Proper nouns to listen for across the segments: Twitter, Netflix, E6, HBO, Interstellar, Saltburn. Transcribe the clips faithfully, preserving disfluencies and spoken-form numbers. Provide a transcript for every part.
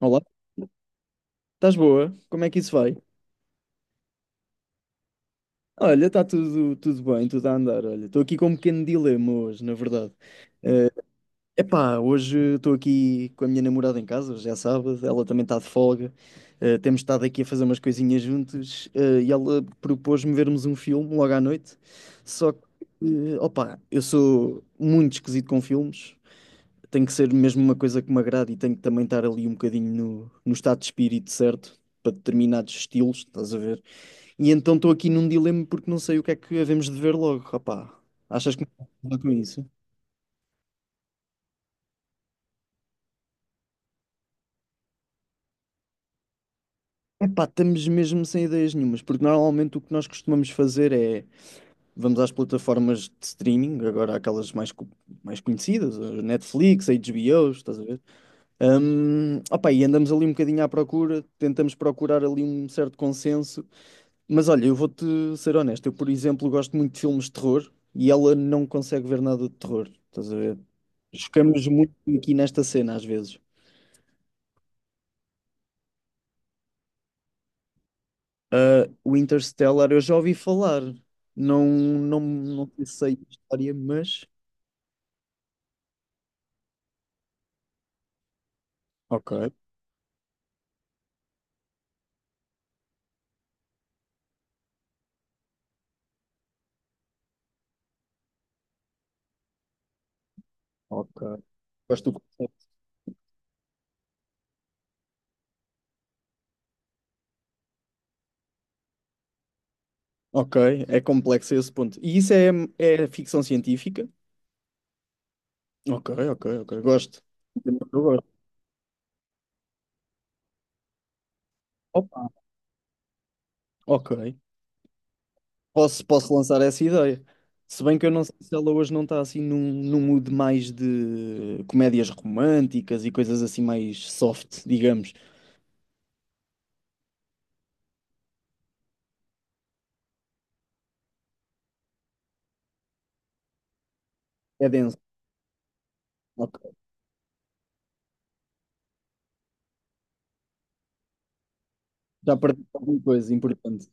Olá, estás boa? Como é que isso vai? Olha, está tudo, tudo bem, tudo a andar. Olha, estou aqui com um pequeno dilema hoje, na verdade. Eh, epá, hoje estou aqui com a minha namorada em casa, hoje é sábado, ela também está de folga. Eh, temos estado aqui a fazer umas coisinhas juntos, eh, e ela propôs-me vermos um filme logo à noite. Só que, eh, opá, eu sou muito esquisito com filmes. Tem que ser mesmo uma coisa que me agrade e tenho que também estar ali um bocadinho no, no estado de espírito certo para determinados estilos, estás a ver? E então estou aqui num dilema porque não sei o que é que havemos de ver logo, rapá. Achas que me posso ajudar com isso? Epá, estamos mesmo sem ideias nenhumas, porque normalmente o que nós costumamos fazer é vamos às plataformas de streaming, agora aquelas mais, co- mais conhecidas, a Netflix, a H B O, estás a ver? Hum, opá, e andamos ali um bocadinho à procura, tentamos procurar ali um certo consenso. Mas olha, eu vou-te ser honesto. Eu, por exemplo, gosto muito de filmes de terror e ela não consegue ver nada de terror. Estás a ver? Chocamos muito aqui nesta cena, às vezes. Ah, o Interstellar, eu já ouvi falar. Não, não, não sei a história, mas. Ok, ok. Gosto do conceito. Ok, é complexo a esse ponto. E isso é, é ficção científica? Ok, ok, ok. Gosto. Eu gosto. Opa, ok. Posso, posso lançar essa ideia. Se bem que eu não sei se ela hoje não está assim num, num mood mais de comédias românticas e coisas assim mais soft, digamos. É denso. Ok. Já perdi alguma coisa importante.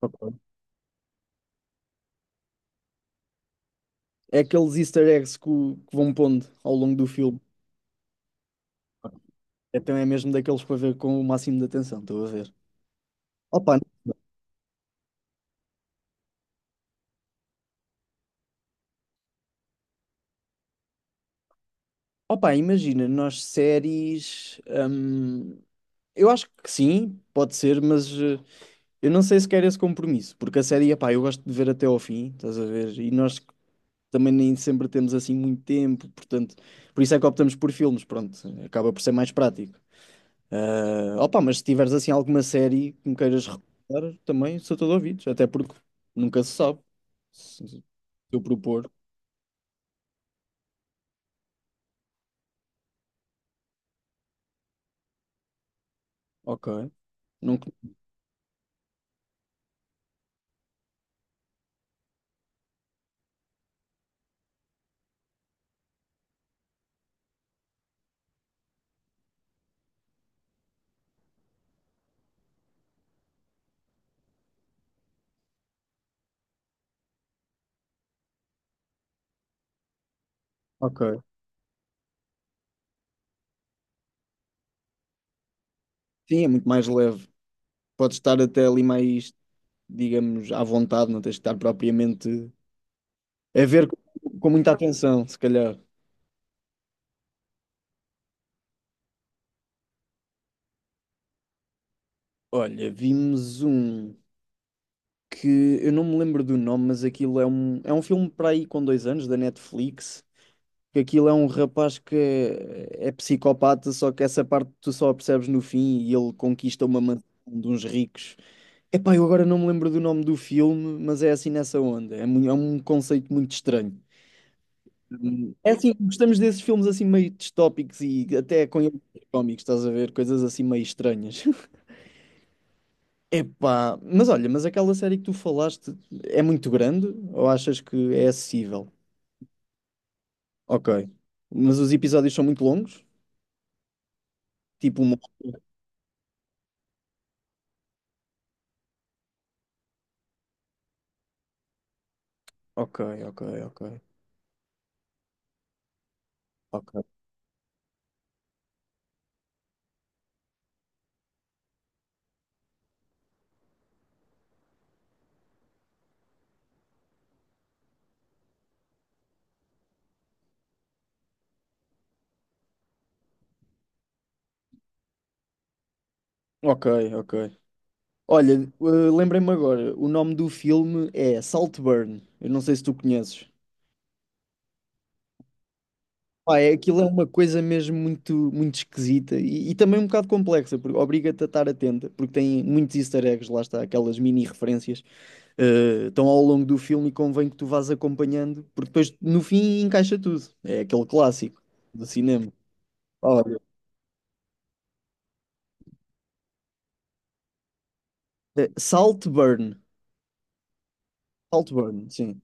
Ok. É aqueles easter eggs que, o- que vão pondo ao longo do filme. Ok. Então é mesmo daqueles para ver com o máximo de atenção, estou a ver. Opa, opa, imagina, nós séries. Hum, eu acho que sim, pode ser, mas. eh, Eu não sei se quero esse compromisso, porque a série, epá, eu gosto de ver até ao fim, estás a ver? E nós também nem sempre temos assim muito tempo, portanto, por isso é que optamos por filmes, pronto, acaba por ser mais prático. Ah, opa, mas se tiveres assim alguma série que me queiras recomendar, também sou todo ouvidos, até porque nunca se sabe. Se se eu propor, ok. Nunca, ok. Sim, é muito mais leve. Podes estar até ali mais, digamos, à vontade, não tens de estar propriamente a ver com, com muita atenção, se calhar. Olha, vimos um que eu não me lembro do nome, mas aquilo é um, é um filme para aí com dois anos da Netflix. Que aquilo é um rapaz que é, é psicopata, só que essa parte tu só a percebes no fim e ele conquista uma mansão de uns ricos. Epá, eu agora não me lembro do nome do filme, mas é assim nessa onda. É, mu- é um conceito muito estranho. Hum, É assim, gostamos desses filmes assim meio distópicos e até com elementos cómicos, estás a ver? Coisas assim meio estranhas. Epá, mas olha, mas aquela série que tu falaste é muito grande ou achas que é acessível? Ok. Mas os episódios são muito longos? Tipo uma... Ok, ok, ok, ok. Ok, ok. Olha, eh, lembrei-me agora, o nome do filme é Saltburn. Eu não sei se tu conheces. Pá, é, aquilo é uma coisa mesmo muito, muito esquisita e, e também um bocado complexa, porque obriga-te a estar atenta, porque tem muitos easter eggs, lá está, aquelas mini referências. Eh, então, ao longo do filme, convém que tu vás acompanhando, porque depois no fim encaixa tudo. É aquele clássico do cinema. Olha, eh, Saltburn. Saltburn, sim.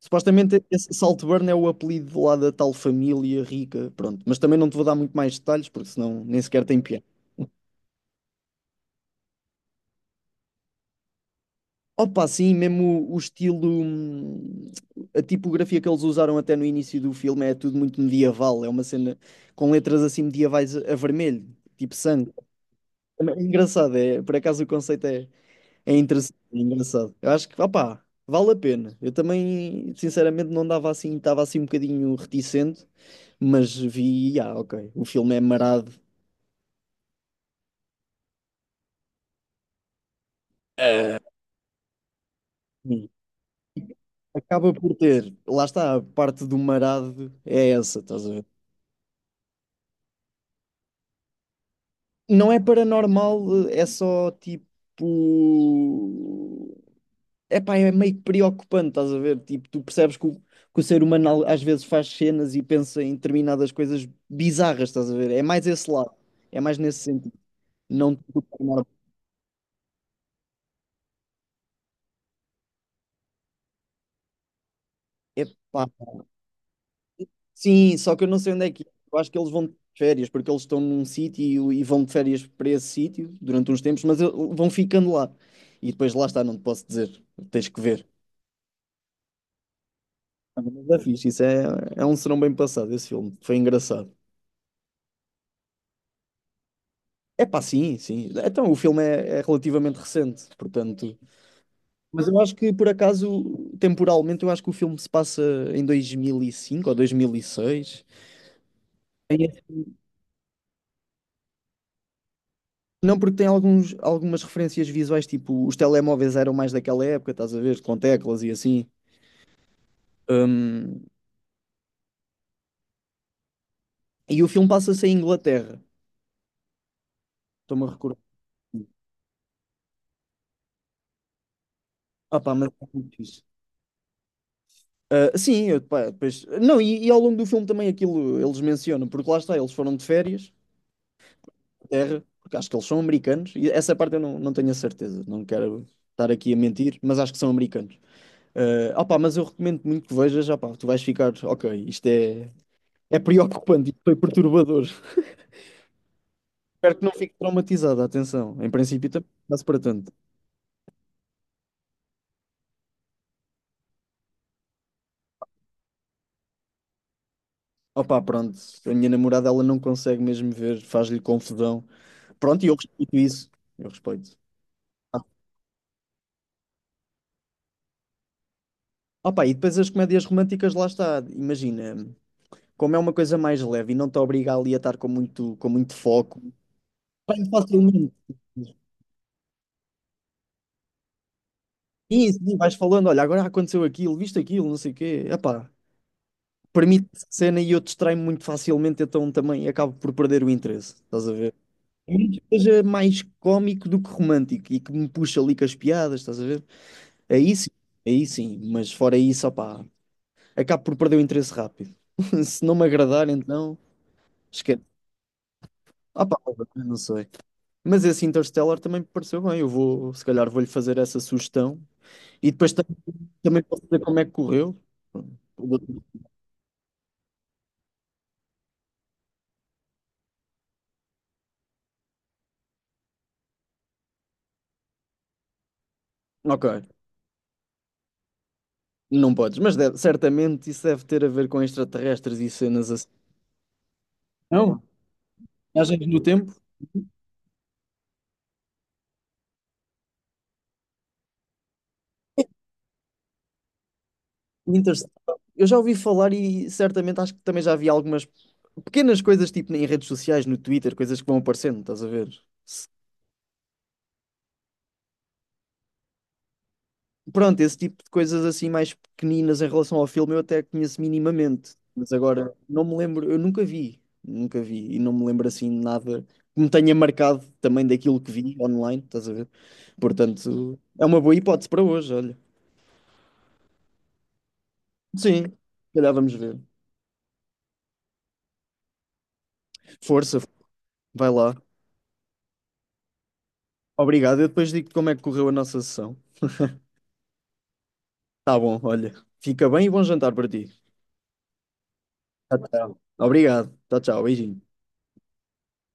Supostamente esse Saltburn é o apelido lá da tal família rica, pronto. Mas também não te vou dar muito mais detalhes, porque senão nem sequer tem piada. Opa, sim, mesmo o, o estilo, hum, a tipografia que eles usaram até no início do filme é tudo muito medieval, é uma cena com letras assim medievais a a vermelho, tipo sangue. É engraçado, é, por acaso o conceito é, é interessante, é engraçado. Eu acho que, opá, vale a pena. Eu também, sinceramente, não dava assim, estava assim um bocadinho reticente, mas vi, ah, ok, o filme é marado. Ah, sim. Acaba por ter, lá está, a parte do marado é essa, estás a ver? Não é paranormal, é só tipo. Epá, é meio preocupante, estás a ver? Tipo, tu percebes que o, que o ser humano al- às vezes faz cenas e pensa em determinadas coisas bizarras, estás a ver? É mais esse lado, é mais nesse sentido. Não te conformar. Epá, sim, só que eu não sei onde é que é. Eu acho que eles vão de férias, porque eles estão num sítio e vão de férias para esse sítio durante uns tempos, mas eu- vão ficando lá. E depois lá está, não te posso dizer, tens que ver. Mas é fixe, isso é, é um serão bem passado, esse filme. Foi engraçado. É pá, sim, sim. Então, o filme é, é relativamente recente, portanto. Mas eu acho que, por acaso, temporalmente, eu acho que o filme se passa em dois mil e cinco ou dois mil e seis. Tem esse- Não, porque tem alguns, algumas referências visuais, tipo, os telemóveis eram mais daquela época, estás a ver, com teclas e assim. Hum, e o filme passa-se em Inglaterra, estou-me a recordar. Ah pá, mas é muito fixe. Ah, sim, eu, pá, depois... Não, e, e ao longo do filme também aquilo eles mencionam, porque lá está, eles foram de férias Inglaterra, porque acho que eles são americanos, e essa parte eu não, não tenho a certeza, não quero estar aqui a mentir, mas acho que são americanos. Ah opá, mas eu recomendo muito que vejas, opá, tu vais ficar, ok, isto é, é preocupante, isto foi perturbador. Espero que não fique traumatizada, atenção, em princípio também não se para tanto. Opá, pronto, a minha namorada ela não consegue mesmo ver, faz-lhe confusão. Pronto, e eu respeito isso, eu respeito. Ah, opá, e depois as comédias românticas, lá está, imagina como é uma coisa mais leve e não te obriga ali a estar com muito, com muito foco, bem facilmente. Sim, sim, vais falando, olha, agora aconteceu aquilo, viste aquilo, não sei o quê. Epá, permite essa cena e eu distraio-me muito facilmente, então também acabo por perder o interesse, estás a ver? É muito que seja mais cómico do que romântico e que me puxa ali com as piadas, estás a ver? Aí sim, aí sim, mas fora isso, opá, acabo por perder o interesse rápido. Se não me agradar, então, esquece. Opá, não sei. Mas esse Interstellar também me pareceu bem, eu vou, se calhar vou-lhe fazer essa sugestão. E depois tam- também posso dizer como é que correu. Ok, não podes, mas deve- certamente isso deve ter a ver com extraterrestres e cenas assim. Não, viagens no tempo. Interstellar. Eu já ouvi falar e certamente acho que também já vi algumas pequenas coisas, tipo em redes sociais, no Twitter, coisas que vão aparecendo, estás a ver? Pronto, esse tipo de coisas assim mais pequeninas em relação ao filme eu até conheço minimamente, mas agora não me lembro, eu nunca vi, nunca vi e não me lembro assim de nada que me tenha marcado também daquilo que vi online, estás a ver? Portanto, é uma boa hipótese para hoje, olha. Sim, se calhar vamos ver. Força, vai lá. Obrigado, eu depois digo-te como é que correu a nossa sessão. Tá bom, olha, fica bem e bom jantar para ti. Tchau, tchau. Obrigado, tchau, tchau, beijinho.